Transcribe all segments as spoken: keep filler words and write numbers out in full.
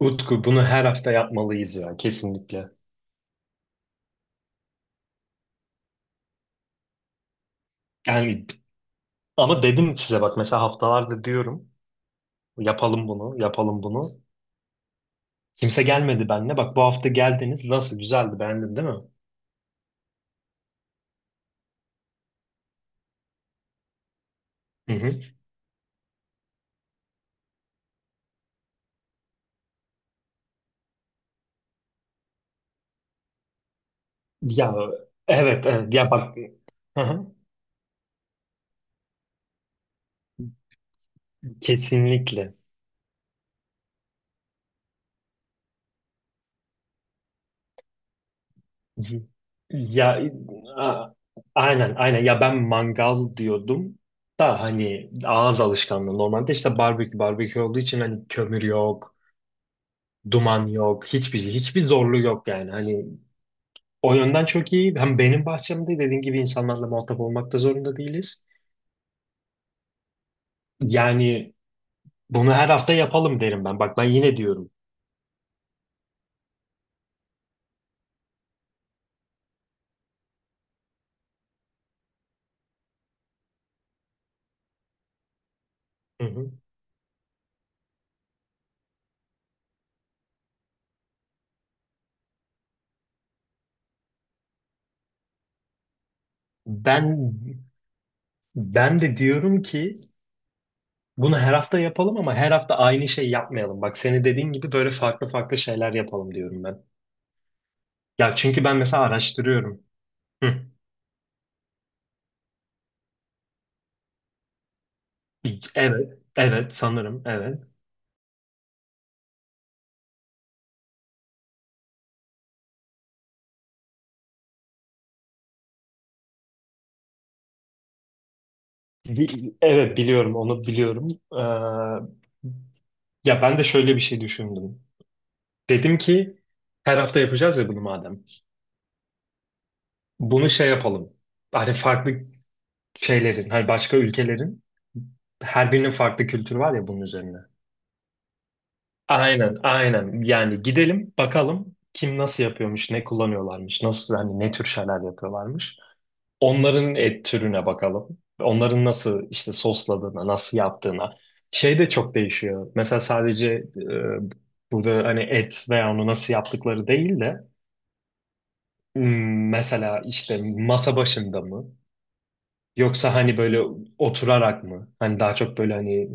Utku, bunu her hafta yapmalıyız ya, kesinlikle. Yani ama dedim size, bak mesela haftalarda diyorum yapalım bunu, yapalım bunu. Kimse gelmedi benimle. Bak, bu hafta geldiniz, nasıl güzeldi, beğendin değil mi? Hı hı. Ya evet evet, ya bak hı hı. Kesinlikle. Hı hı. Ya a- aynen aynen, ya ben mangal diyordum da hani ağız alışkanlığı, normalde işte barbekü barbekü olduğu için, hani kömür yok. Duman yok, hiçbir şey, hiçbir zorluğu yok yani. Hani o yönden çok iyi. Hem benim bahçemde, dediğin gibi, insanlarla muhatap olmak da zorunda değiliz. Yani bunu her hafta yapalım derim ben. Bak ben yine diyorum. Hı hı. Ben ben de diyorum ki bunu her hafta yapalım ama her hafta aynı şey yapmayalım. Bak, senin dediğin gibi böyle farklı farklı şeyler yapalım diyorum ben. Ya çünkü ben mesela araştırıyorum. Hı. Evet, evet sanırım, evet. Bi- Evet biliyorum, onu biliyorum. Ee, Ya ben de şöyle bir şey düşündüm. Dedim ki her hafta yapacağız ya bunu madem. Bunu şey yapalım. Hani farklı şeylerin, hani başka ülkelerin her birinin farklı kültürü var ya bunun üzerine. Aynen, aynen. Yani gidelim bakalım kim nasıl yapıyormuş, ne kullanıyorlarmış, nasıl, hani ne tür şeyler yapıyorlarmış. Onların et türüne bakalım. Onların nasıl işte sosladığına, nasıl yaptığına. Şey de çok değişiyor. Mesela sadece e, burada hani et veya onu nasıl yaptıkları değil de. Hmm, mesela işte masa başında mı? Yoksa hani böyle oturarak mı? Hani daha çok böyle hani...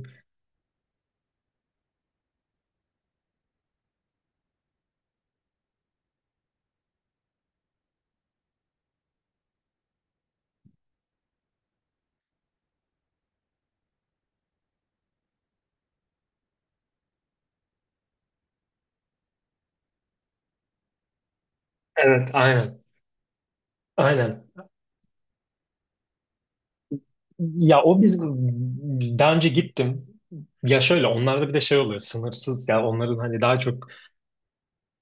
Evet, aynen. Aynen. Ya o biz daha önce gittim. Ya şöyle, onlarda bir de şey oluyor, sınırsız, ya onların hani daha çok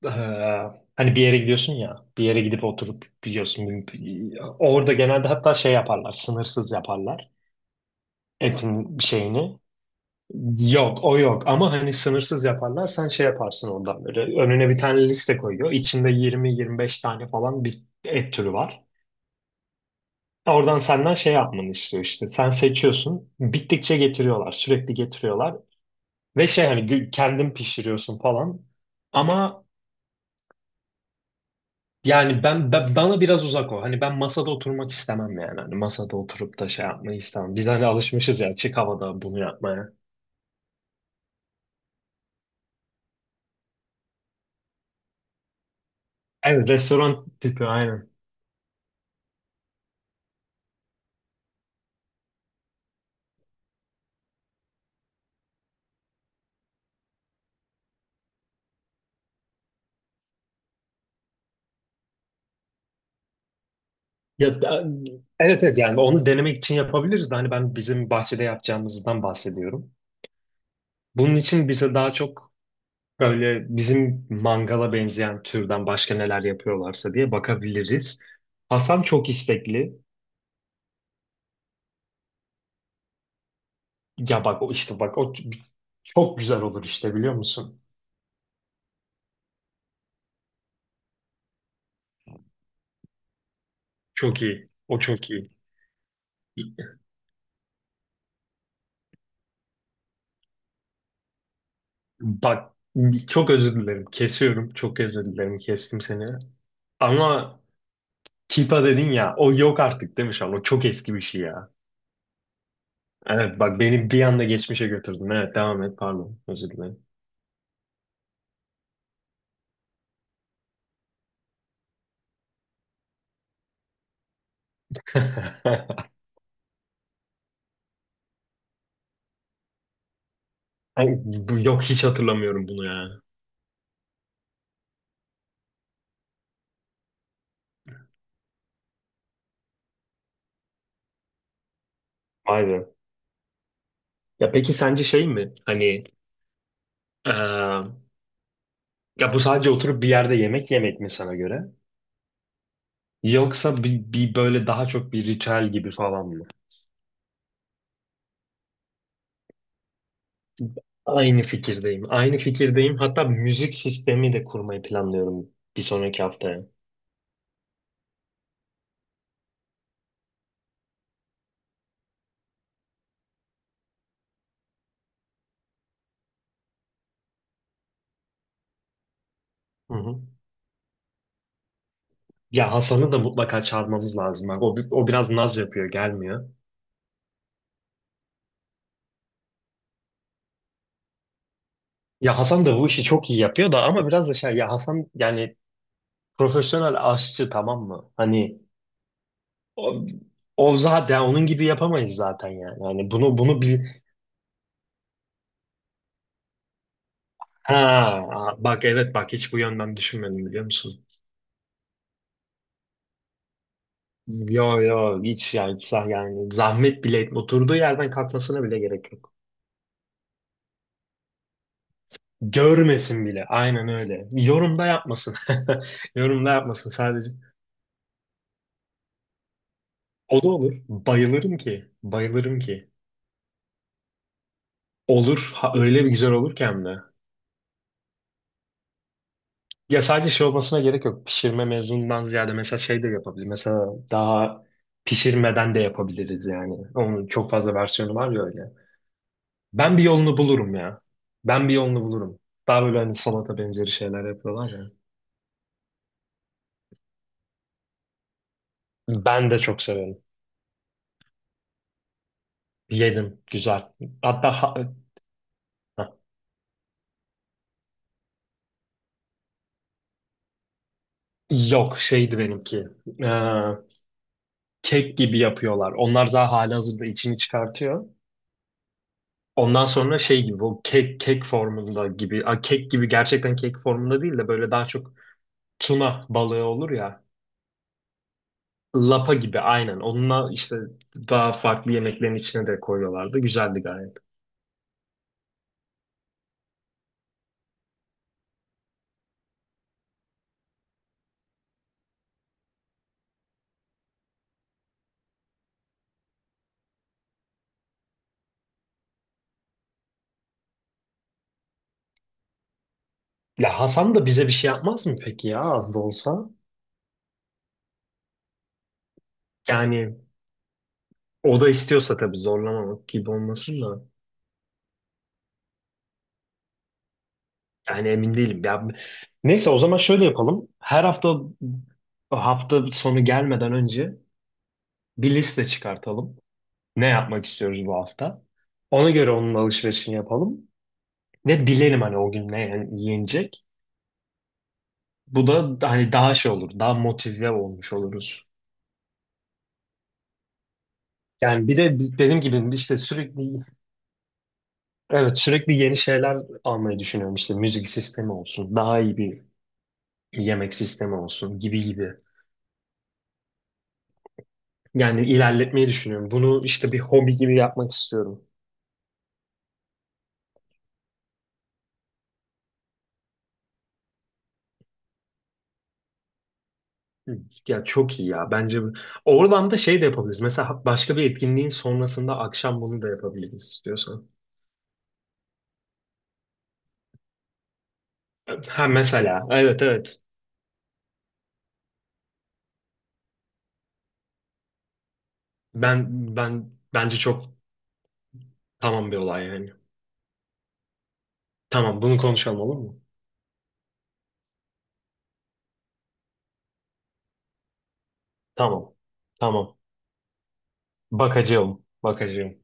eee, hani bir yere gidiyorsun ya, bir yere gidip oturup biliyorsun orada genelde, hatta şey yaparlar, sınırsız yaparlar etin şeyini. Yok o yok, ama hani sınırsız yaparlar, sen şey yaparsın ondan, böyle önüne bir tane liste koyuyor, içinde yirmi yirmi beş tane falan bir et türü var. Oradan senden şey yapmanı istiyor, işte sen seçiyorsun, bittikçe getiriyorlar, sürekli getiriyorlar ve şey, hani gü- kendin pişiriyorsun falan, ama yani ben, ben- bana biraz uzak o, hani ben masada oturmak istemem yani, hani masada oturup da şey yapmayı istemem, biz hani alışmışız ya açık havada bunu yapmaya. Evet, restoran tipi, aynen. Ya da- evet evet, yani onu denemek için yapabiliriz de hani ben bizim bahçede yapacağımızdan bahsediyorum. Bunun için bize daha çok böyle bizim mangala benzeyen türden başka neler yapıyorlarsa diye bakabiliriz. Hasan çok istekli. Ya bak o, işte bak o çok güzel olur, işte biliyor musun? Çok iyi. O çok iyi. Bak, çok özür dilerim, kesiyorum. Çok özür dilerim, kestim seni. Ama Kipa dedin ya, o yok artık değil mi şu an? O çok eski bir şey ya. Evet, bak beni bir anda geçmişe götürdün. Evet devam et, pardon. Özür dilerim. Ay, bu- yok, hiç hatırlamıyorum bunu ya. Vay be. Ya peki sence şey mi? Hani eee, ya bu sadece oturup bir yerde yemek yemek mi sana göre? Yoksa bir, bir böyle daha çok bir ritüel gibi falan mı? Aynı fikirdeyim. Aynı fikirdeyim. Hatta müzik sistemi de kurmayı planlıyorum bir sonraki haftaya. Hı hı. Ya Hasan'ı da mutlaka çağırmamız lazım. Bak, o, bi- o biraz naz yapıyor, gelmiyor. Ya Hasan da bu işi çok iyi yapıyor da, ama biraz da şey ya, Hasan yani profesyonel aşçı, tamam mı? Hani o, o zaten onun gibi yapamayız zaten yani. Yani bunu bunu bil. Ha bak, evet bak, hiç bu yönden düşünmedim, biliyor musun? Yo yo, hiç yani, sa- yani zahmet bile etme. Oturduğu yerden kalkmasına bile gerek yok. Görmesin bile. Aynen öyle. Yorumda yapmasın. Yorumda yapmasın sadece. O da olur. Bayılırım ki. Bayılırım ki. Olur. Ha, öyle bir güzel olur ki hem de. Ya sadece şey olmasına gerek yok. Pişirme mezunundan ziyade, mesela şey de yapabilir. Mesela daha pişirmeden de yapabiliriz yani. Onun çok fazla versiyonu var ya öyle. Ben bir yolunu bulurum ya. Ben bir yolunu bulurum. Daha böyle hani salata benzeri şeyler yapıyorlar ya. Ben de çok severim. Yedim. Güzel. Hatta ha- ha, yok şeydi benimki. Ee, kek gibi yapıyorlar. Onlar daha halihazırda içini çıkartıyor. Ondan sonra şey gibi, o kek kek formunda gibi, a, kek gibi, gerçekten kek formunda değil de böyle daha çok tuna balığı olur ya, lapa gibi, aynen, onunla işte daha farklı yemeklerin içine de koyuyorlardı, güzeldi gayet. Ya Hasan da bize bir şey yapmaz mı peki, ya az da olsa? Yani o da istiyorsa tabii, zorlamamak gibi olmasın da, yani emin değilim ya. Neyse, o zaman şöyle yapalım: her hafta, hafta sonu gelmeden önce bir liste çıkartalım. Ne yapmak istiyoruz bu hafta. Ona göre onun alışverişini yapalım. Ve bilelim hani o gün ne yen- yenecek. Bu da hani daha şey olur, daha motive olmuş oluruz. Yani bir de bi- benim gibi işte sürekli, evet sürekli yeni şeyler almayı düşünüyorum. İşte müzik sistemi olsun, daha iyi bir yemek sistemi olsun, gibi gibi. Yani ilerletmeyi düşünüyorum. Bunu işte bir hobi gibi yapmak istiyorum. Ya çok iyi ya. Bence bu- oradan da şey de yapabiliriz. Mesela başka bir etkinliğin sonrasında akşam bunu da yapabiliriz istiyorsan. Ha mesela, evet evet. Ben ben bence çok, tamam bir olay yani. Tamam, bunu konuşalım, olur mu? Tamam. Tamam. Bakacağım. Bakacağım.